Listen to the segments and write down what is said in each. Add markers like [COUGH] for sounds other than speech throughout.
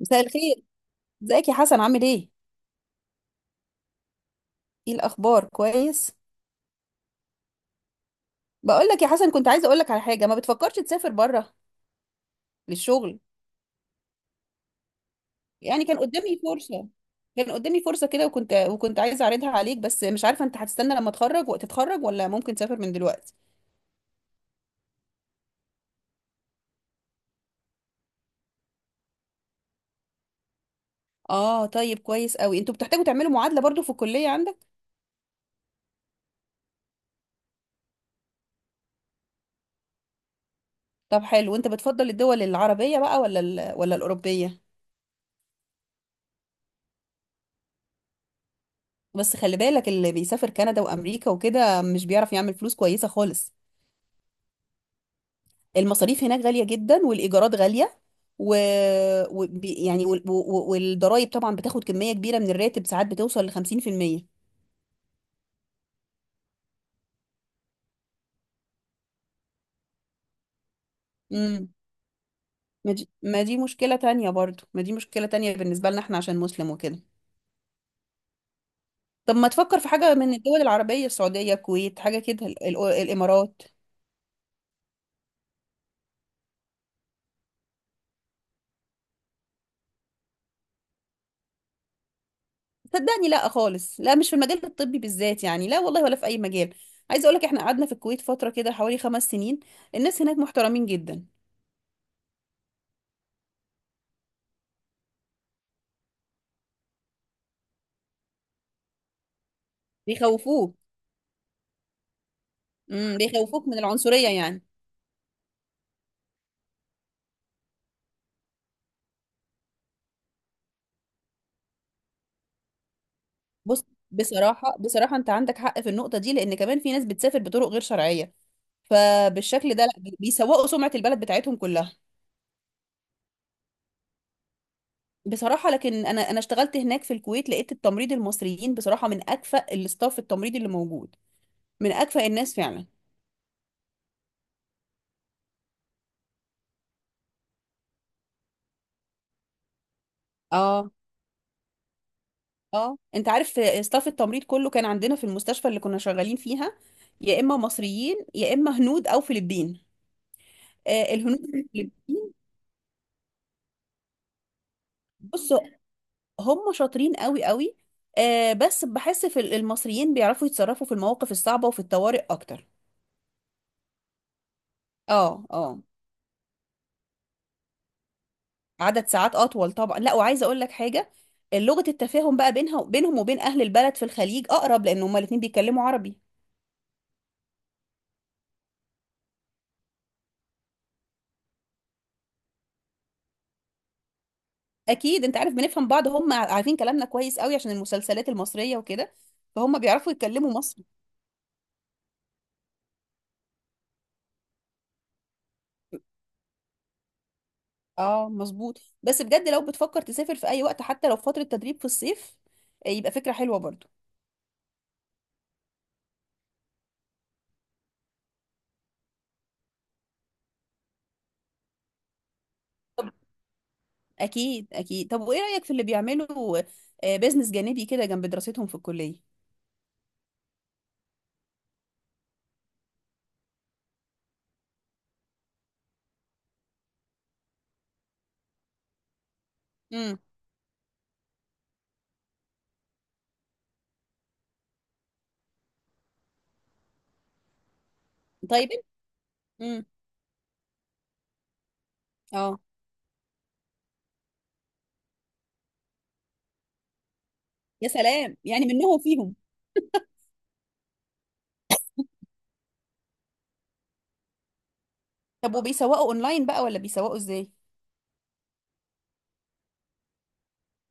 مساء الخير. ازيك يا حسن؟ عامل ايه؟ ايه الاخبار؟ كويس. بقول لك يا حسن، كنت عايزه اقول لك على حاجه. ما بتفكرش تسافر بره للشغل؟ يعني كان قدامي فرصه كده، وكنت عايزه اعرضها عليك، بس مش عارفه انت هتستنى لما تتخرج وقت تتخرج ولا ممكن تسافر من دلوقتي. اه طيب، كويس قوي. انتوا بتحتاجوا تعملوا معادله برضو في الكليه عندك؟ طب حلو. وانت بتفضل الدول العربيه بقى ولا ولا الاوروبيه؟ بس خلي بالك، اللي بيسافر كندا وامريكا وكده مش بيعرف يعمل فلوس كويسه خالص. المصاريف هناك غالية جدا، والإيجارات غالية، و... و... بي- يعني وال... و... والضرايب طبعا بتاخد كمية كبيرة من الراتب، ساعات بتوصل ل 50%. امم. ما دي مشكلة تانية برضو، ما دي مشكلة تانية بالنسبة لنا احنا عشان مسلم وكده. طب ما تفكر في حاجة من الدول العربية، السعودية، الكويت، حاجة كده، الإمارات؟ صدقني لا خالص، لا مش في المجال الطبي بالذات يعني، لا والله ولا في أي مجال. عايزة أقولك احنا قعدنا في الكويت فترة كده حوالي 5 سنين. الناس هناك محترمين جدا. بيخوفوك. امم، بيخوفوك من العنصرية يعني. بص، بصراحة بصراحة انت عندك حق في النقطة دي، لان كمان في ناس بتسافر بطرق غير شرعية. فبالشكل ده لا بيسوقوا سمعة البلد بتاعتهم كلها. بصراحة لكن انا اشتغلت هناك في الكويت، لقيت التمريض المصريين بصراحة من اكفأ الاستاف التمريض اللي موجود، من اكفأ الناس فعلا. اه اه. انت عارف استاف التمريض كله كان عندنا في المستشفى اللي كنا شغالين فيها، يا اما مصريين يا اما هنود او فلبين. آه، الهنود والفلبين. بص، هم شاطرين قوي قوي. آه بس بحس في المصريين بيعرفوا يتصرفوا في المواقف الصعبة وفي الطوارئ اكتر. اه اه. عدد ساعات اطول طبعا. لا، وعايزه اقول لك حاجه، لغه التفاهم بقى بينها بينهم وبين اهل البلد في الخليج اقرب، لان هما الاتنين بيتكلموا عربي. اكيد انت عارف، بنفهم بعض. هم عارفين كلامنا كويس قوي عشان المسلسلات المصريه وكده، فهم بيعرفوا يتكلموا مصري. اه مظبوط. بس بجد لو بتفكر تسافر في اي وقت حتى لو فتره تدريب في الصيف، يبقى فكره حلوه برضو. اكيد اكيد. طب وايه رأيك في اللي بيعملوا بيزنس جانبي كده جنب دراستهم في الكلية؟ امم. طيب. امم. اه. يا سلام، يعني منهم فيهم. طب وبيسوقوا اونلاين بقى ولا بيسوقوا ازاي؟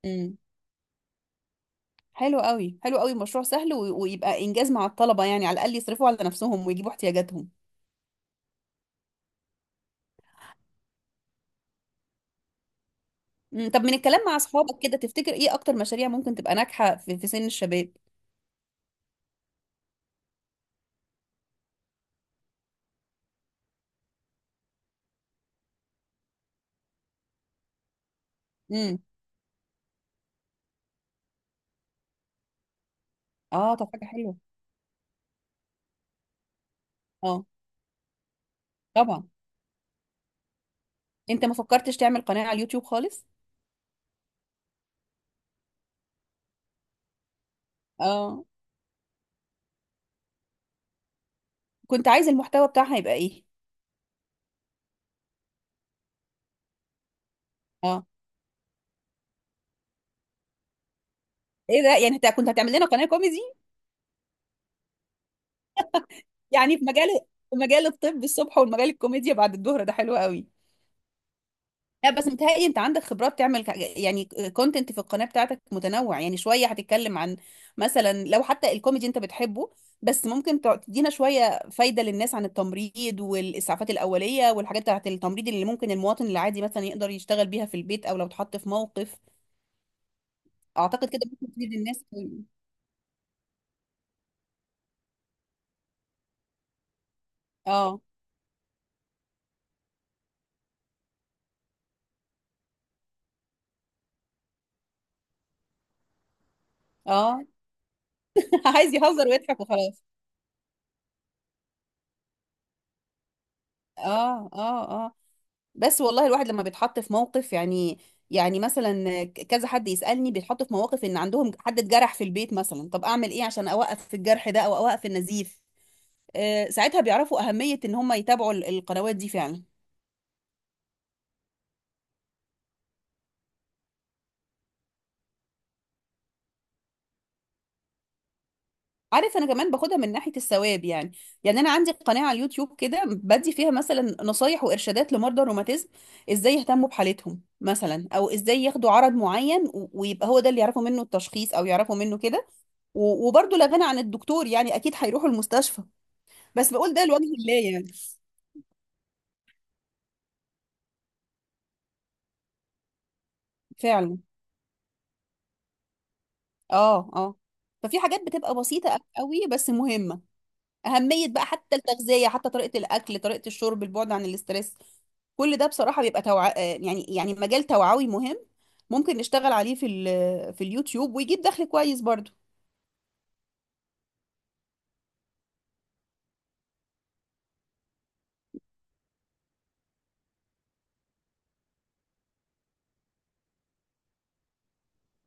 امم. حلو قوي حلو قوي، مشروع سهل ويبقى انجاز مع الطلبة، يعني على الاقل يصرفوا على نفسهم ويجيبوا احتياجاتهم. امم. طب من الكلام مع اصحابك كده، تفتكر ايه اكتر مشاريع ممكن تبقى ناجحة في, في سن الشباب؟ امم. اه طب حاجة حلوة. اه. طبعا. انت ما فكرتش تعمل قناة على اليوتيوب خالص؟ اه كنت عايز المحتوى بتاعها يبقى ايه؟ اه. ايه ده، يعني انت كنت هتعمل لنا قناه كوميدي؟ يعني في مجال، في مجال الطب الصبح والمجال الكوميديا بعد الظهر، ده حلو قوي. لا بس متهيألي انت عندك خبرات تعمل يعني كونتنت في القناه بتاعتك متنوع، يعني شويه هتتكلم عن مثلا لو حتى الكوميدي انت بتحبه، بس ممكن تدينا شويه فايده للناس عن التمريض والاسعافات الاوليه والحاجات بتاعت التمريض اللي ممكن المواطن العادي مثلا يقدر يشتغل بيها في البيت او لو اتحط في موقف. اعتقد كده ممكن تفيد الناس. اه اه. [LAUGHS] عايز يهزر ويضحك وخلاص. اه اه اه. بس والله الواحد لما بيتحط في موقف يعني، يعني مثلا كذا حد يسألني بيتحط في مواقف ان عندهم حد اتجرح في البيت مثلا، طب اعمل ايه عشان اوقف الجرح ده او اوقف النزيف؟ آه ساعتها بيعرفوا اهمية ان هم يتابعوا القنوات دي فعلا. عارف، انا كمان باخدها من ناحية الثواب يعني. يعني انا عندي قناة على اليوتيوب كده، بدي فيها مثلا نصايح وارشادات لمرضى الروماتيزم، ازاي يهتموا بحالتهم مثلا او ازاي ياخدوا عرض معين، ويبقى هو ده اللي يعرفوا منه التشخيص او يعرفوا منه كده. وبرضه لا غنى عن الدكتور يعني، اكيد هيروحوا المستشفى. بس بقول ده لوجه الله يعني. فعلا. اه اه. ففي حاجات بتبقى بسيطة قوي بس مهمة. أهمية بقى حتى التغذية، حتى طريقة الأكل، طريقة الشرب، البعد عن الاسترس. كل ده بصراحة بيبقى توع... آه، يعني يعني مجال توعوي مهم، ممكن نشتغل عليه في في اليوتيوب، ويجيب دخل كويس برضو.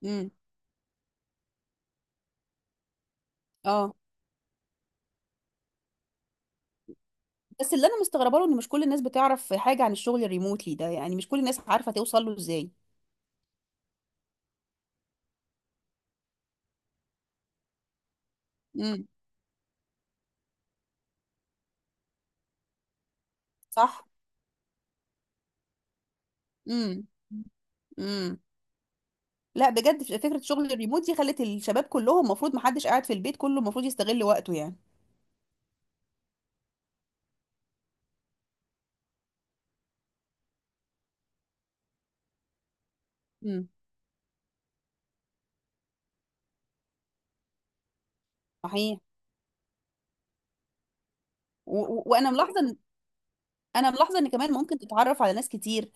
امم. اه بس اللي انا مستغربه له ان مش كل الناس بتعرف حاجة عن الشغل الريموتلي ده، يعني مش كل الناس عارفة توصل له ازاي. امم. صح. امم. امم. لا بجد، فكره شغل الريموت دي خلت الشباب كلهم، المفروض محدش قاعد في البيت، كله المفروض يستغل وقته يعني. امم. صحيح. وانا انا ملاحظه ان كمان ممكن تتعرف على ناس كتير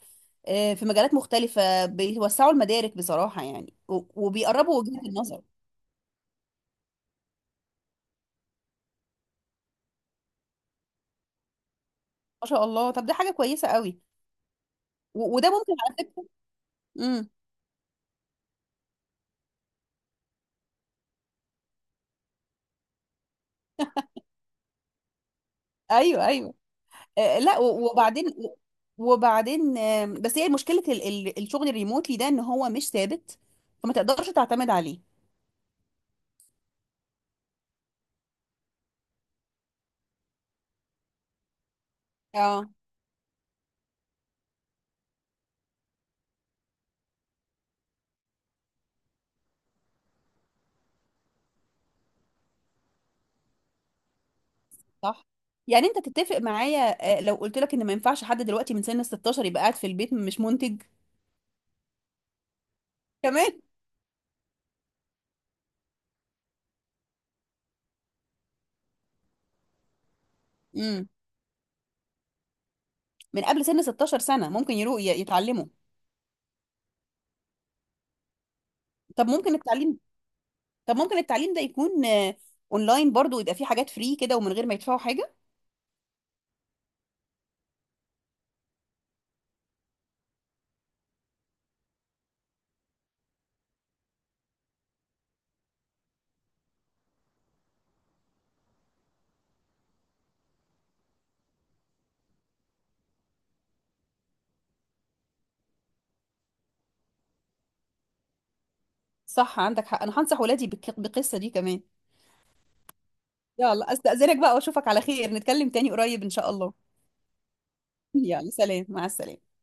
في مجالات مختلفه، بيوسعوا المدارك بصراحه يعني، وبيقربوا وجهه النظر. ما شاء الله، طب ده حاجه كويسه قوي. وده ممكن على فكره. امم. ايوه ايوه. لا وبعدين، وبعدين، بس هي مشكلة الشغل الريموتلي ده ان هو مش ثابت، فما تقدرش تعتمد عليه. اه. صح. يعني انت تتفق معايا لو قلت لك ان ما ينفعش حد دلوقتي من سن 16 يبقى قاعد في البيت مش منتج؟ كمان. امم. من قبل سن 16 سنة ممكن يروح يتعلموا. طب ممكن التعليم، طب ممكن التعليم ده يكون اونلاين برضو، ويبقى فيه حاجات فري كده ومن غير ما يدفعوا حاجة. صح، عندك حق. انا هنصح ولادي بالقصة دي كمان. يلا استأذنك بقى، واشوفك على خير، نتكلم تاني قريب ان شاء الله. [LAUGHS] يلا سلام، مع السلامة.